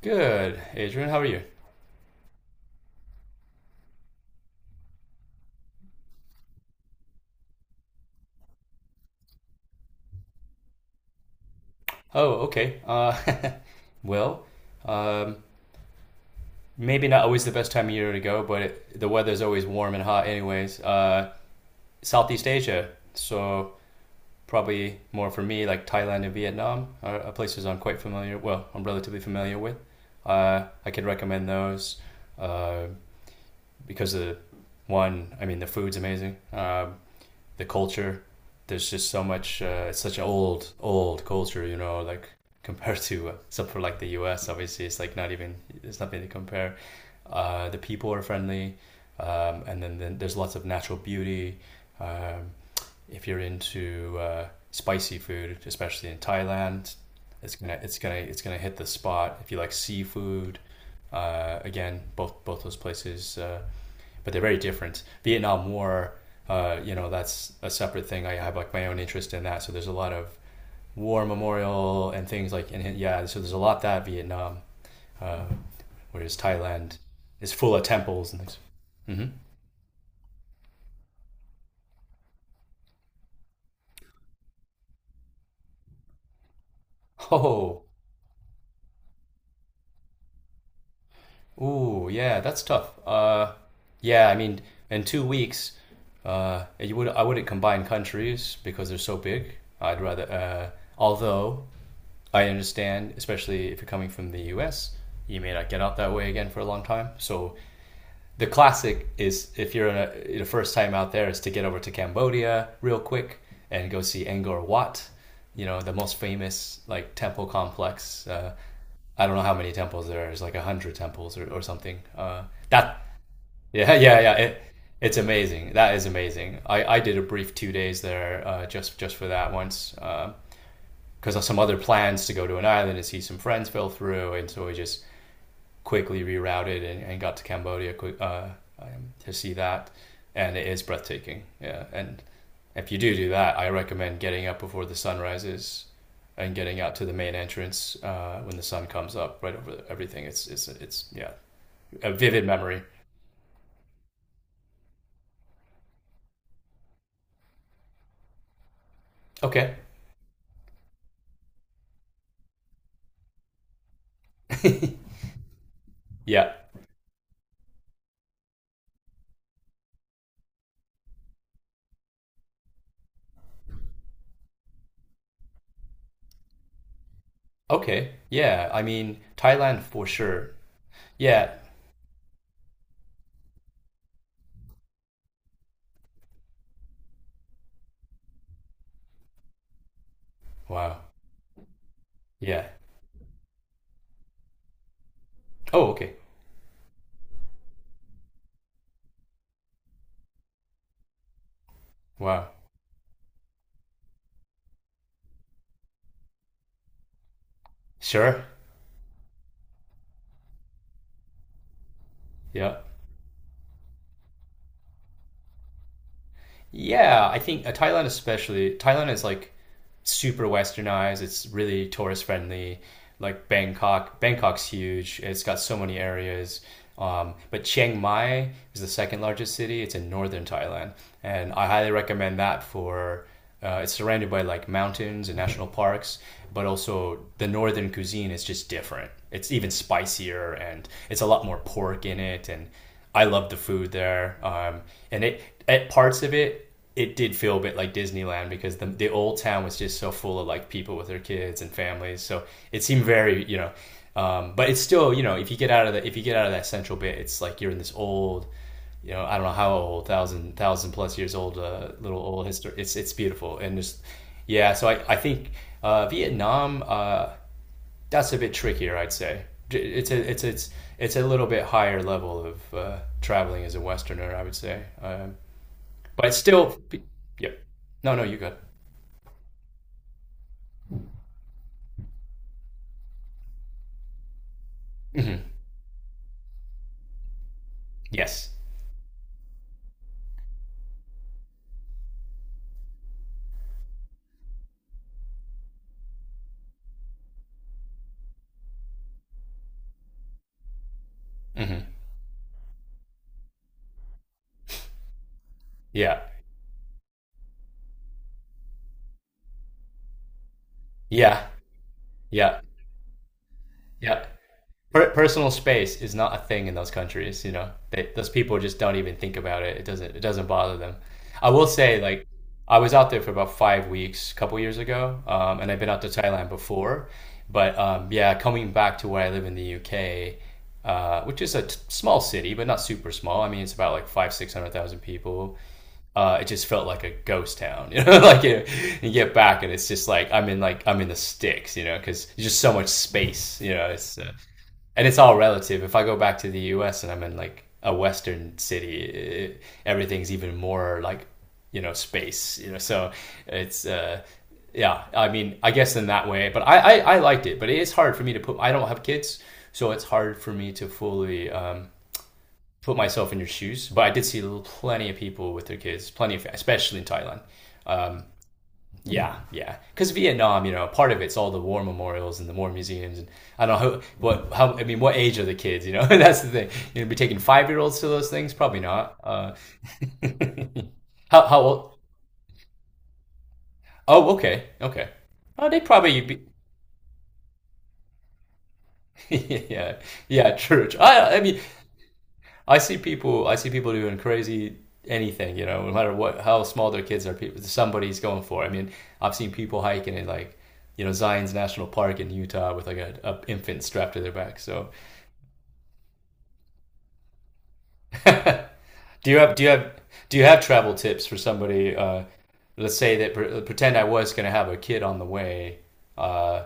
Good, Adrian. How are you? Oh, okay. Well, um, maybe not always the best time of year to go, but the weather's always warm and hot, anyways. Southeast Asia, so probably more for me, like Thailand and Vietnam are places I'm quite familiar. Well, I'm relatively familiar with. I can recommend those uh, because I mean, the food's amazing. The culture. There's just so much. It's such an old, old culture, you know. Like compared to except for like the U.S., obviously, it's like not even. It's nothing to compare. The people are friendly, and then there's lots of natural beauty. Um, if you're into spicy food, especially in Thailand, it's gonna hit the spot. If you like seafood, again, both those places but they're very different. Vietnam War, you know, that's a separate thing. I have like my own interest in that. So there's a lot of war memorial and things like, and yeah, so there's a lot that Vietnam, uh, whereas Thailand is full of temples and things. Hmm. Oh, ooh, yeah, that's tough. Yeah, I mean, in two weeks, you would I wouldn't combine countries because they're so big. I'd rather, although I understand, especially if you're coming from the US, you may not get out that way again for a long time. So the classic is if you're in the first time out there is to get over to Cambodia real quick and go see Angkor Wat, you know, the most famous like temple complex. I don't know how many temples there are. There's like a hundred temples or something. That yeah yeah, it's amazing. That is amazing. I did a brief two days there just for that once. Because some other plans to go to an island and see some friends fell through, and so we just quickly rerouted and got to Cambodia uh, to see that, and it is breathtaking. Yeah, and if you do that, I recommend getting up before the sun rises and getting out to the main entrance when the sun comes up right over everything. It's yeah, a vivid memory. Okay, yeah, okay, yeah. I mean Thailand for sure. Yeah, wow, yeah. Oh, okay, wow, sure. Yeah. Yeah, I think Thailand especially. Thailand is like super westernized. It's really tourist friendly. Like Bangkok's huge. It's got so many areas. But Chiang Mai is the second largest city. It's in northern Thailand, and I highly recommend that for. It's surrounded by like mountains and national parks, but also the northern cuisine is just different. It's even spicier, and it's a lot more pork in it. And I love the food there. And it at parts of it, it did feel a bit like Disneyland because the old town was just so full of like people with their kids and families. So it seemed very, you know, but it's still, you know, if you get out of the if you get out of that central bit, it's like you're in this old, you know, I don't know how old, thousand plus years old, little old history. It's beautiful and just yeah. So I think Vietnam that's a bit trickier, I'd say. It's a it's it's it's a little bit higher level of traveling as a Westerner, I would say. But it's still, yeah, no, no, you good. Hmm. Yes. Hmm. Yeah. Yeah. Yeah. Yeah. Personal space is not a thing in those countries. You know, those people just don't even think about it. It doesn't. It doesn't bother them. I will say, like, I was out there for about five weeks a couple years ago, and I've been out to Thailand before. But yeah, coming back to where I live in the UK, which is a small city, but not super small. I mean, it's about like five, 600,000 people. It just felt like a ghost town. You know, like you get back and it's just like I'm in the sticks. You know, because there's just so much space. You know, it's and it's all relative. If I go back to the U.S. and I'm in like a Western city, everything's even more like you know space. You know, so it's. Yeah, I mean, I guess in that way, but I liked it, but it is hard for me to put, I don't have kids, so it's hard for me to fully, put myself in your shoes, but I did see plenty of people with their kids, plenty of, especially in Thailand. Yeah, yeah. Because Vietnam, you know, part of it's all the war memorials and the war museums, and I don't know how, what how I mean, what age are the kids? You know, that's the thing. You know, be taking five-year-olds to those things, probably not. How old? Oh, okay, okay. Oh, they probably be, yeah, yeah, true. I mean, I see people doing crazy anything. You know, no matter what how small their kids are, people somebody's going for. It. I mean, I've seen people hiking in like you know Zion's National Park in Utah with like a infant strapped to their back. So do you have do you have do you have travel tips for somebody? Let's say that pretend I was going to have a kid on the way. Uh,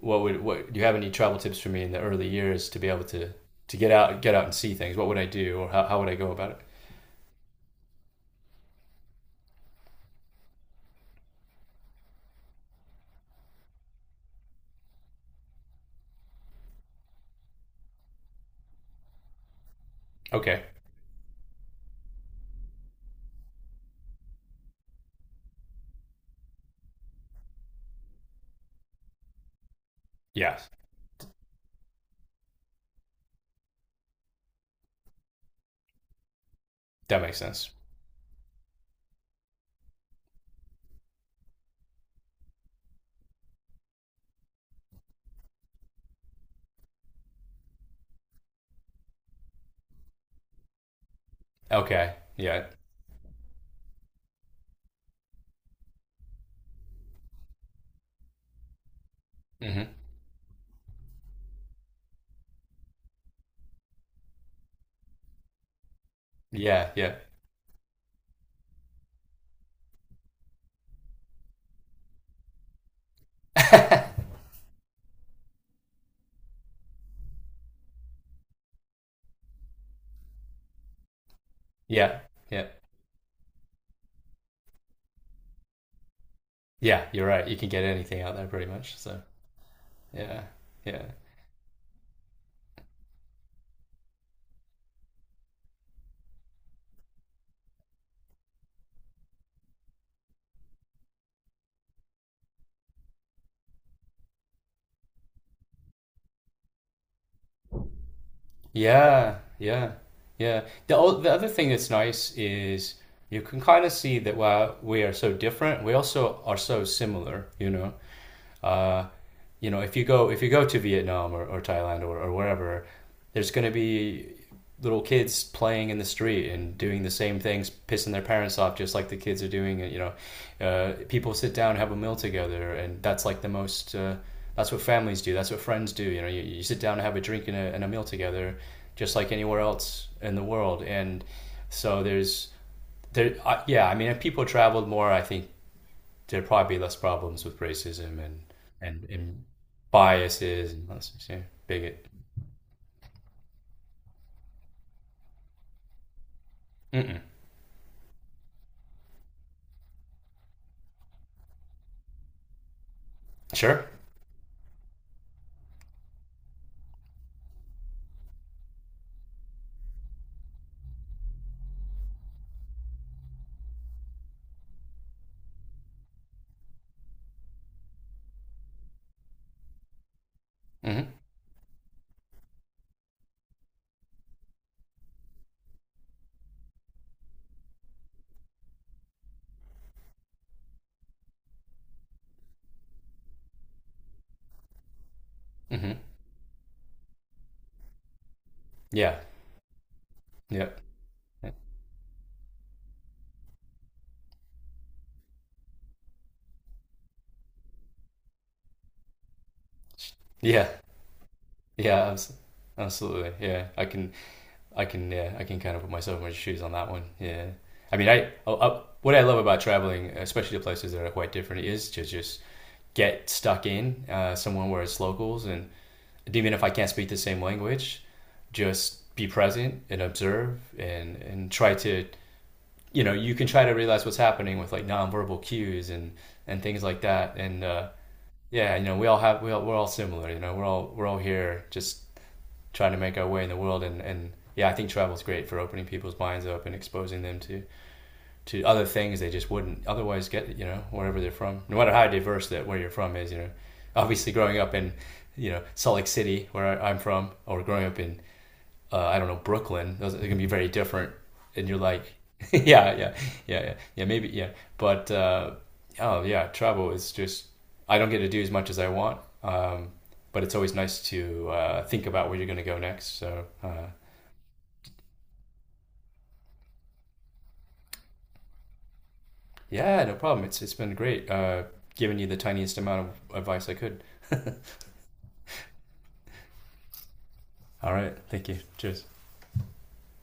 what do you have any travel tips for me in the early years to be able to get out and see things? What would I do or how would I go about it? Okay, yeah, that makes sense. Okay. Yeah. Hmm. Yeah. Yeah. Yeah. Yeah. Yeah. You're right. You can get anything out there pretty much. So yeah. Yeah. Yeah. Yeah. Yeah. The other thing that's nice is you can kind of see that while we are so different, we also are so similar, you know. uh, you know, if you go to Vietnam or Thailand or wherever, there's going to be little kids playing in the street and doing the same things, pissing their parents off, just like the kids are doing. You know, people sit down, have a meal together, and that's like the most. That's what families do. That's what friends do. You know, you sit down and have a drink and and a meal together, just like anywhere else in the world. And so yeah. I mean, if people traveled more, I think there'd probably be less problems with racism and and biases and less yeah, bigot. Mm-mm. Sure. Mm-hmm. Mm-hmm. Yeah. Yep. Yeah. Yeah. Absolutely. Yeah. I can. I can. Yeah. I can kind of put myself in my shoes on that one. Yeah. I mean, I what I love about traveling, especially to places that are quite different, is to just get stuck in somewhere where it's locals and even if I can't speak the same language, just be present and observe and try to you know you can try to realize what's happening with like nonverbal cues and things like that and yeah you know we're all similar you know we're all here just trying to make our way in the world and yeah I think travel is great for opening people's minds up and exposing them to other things they just wouldn't otherwise get. You know, wherever they're from, no matter how diverse that where you're from is. You know, obviously growing up in you know Salt Lake City, where am from, or growing up in I don't know Brooklyn, those are going to be very different. And you're like, yeah, yeah, yeah, maybe, yeah. But oh yeah, travel is just I don't get to do as much as I want. But it's always nice to think about where you're going to go next. So yeah, no problem. It's been great giving you the tiniest amount of advice I could. All right. Thank you. Cheers.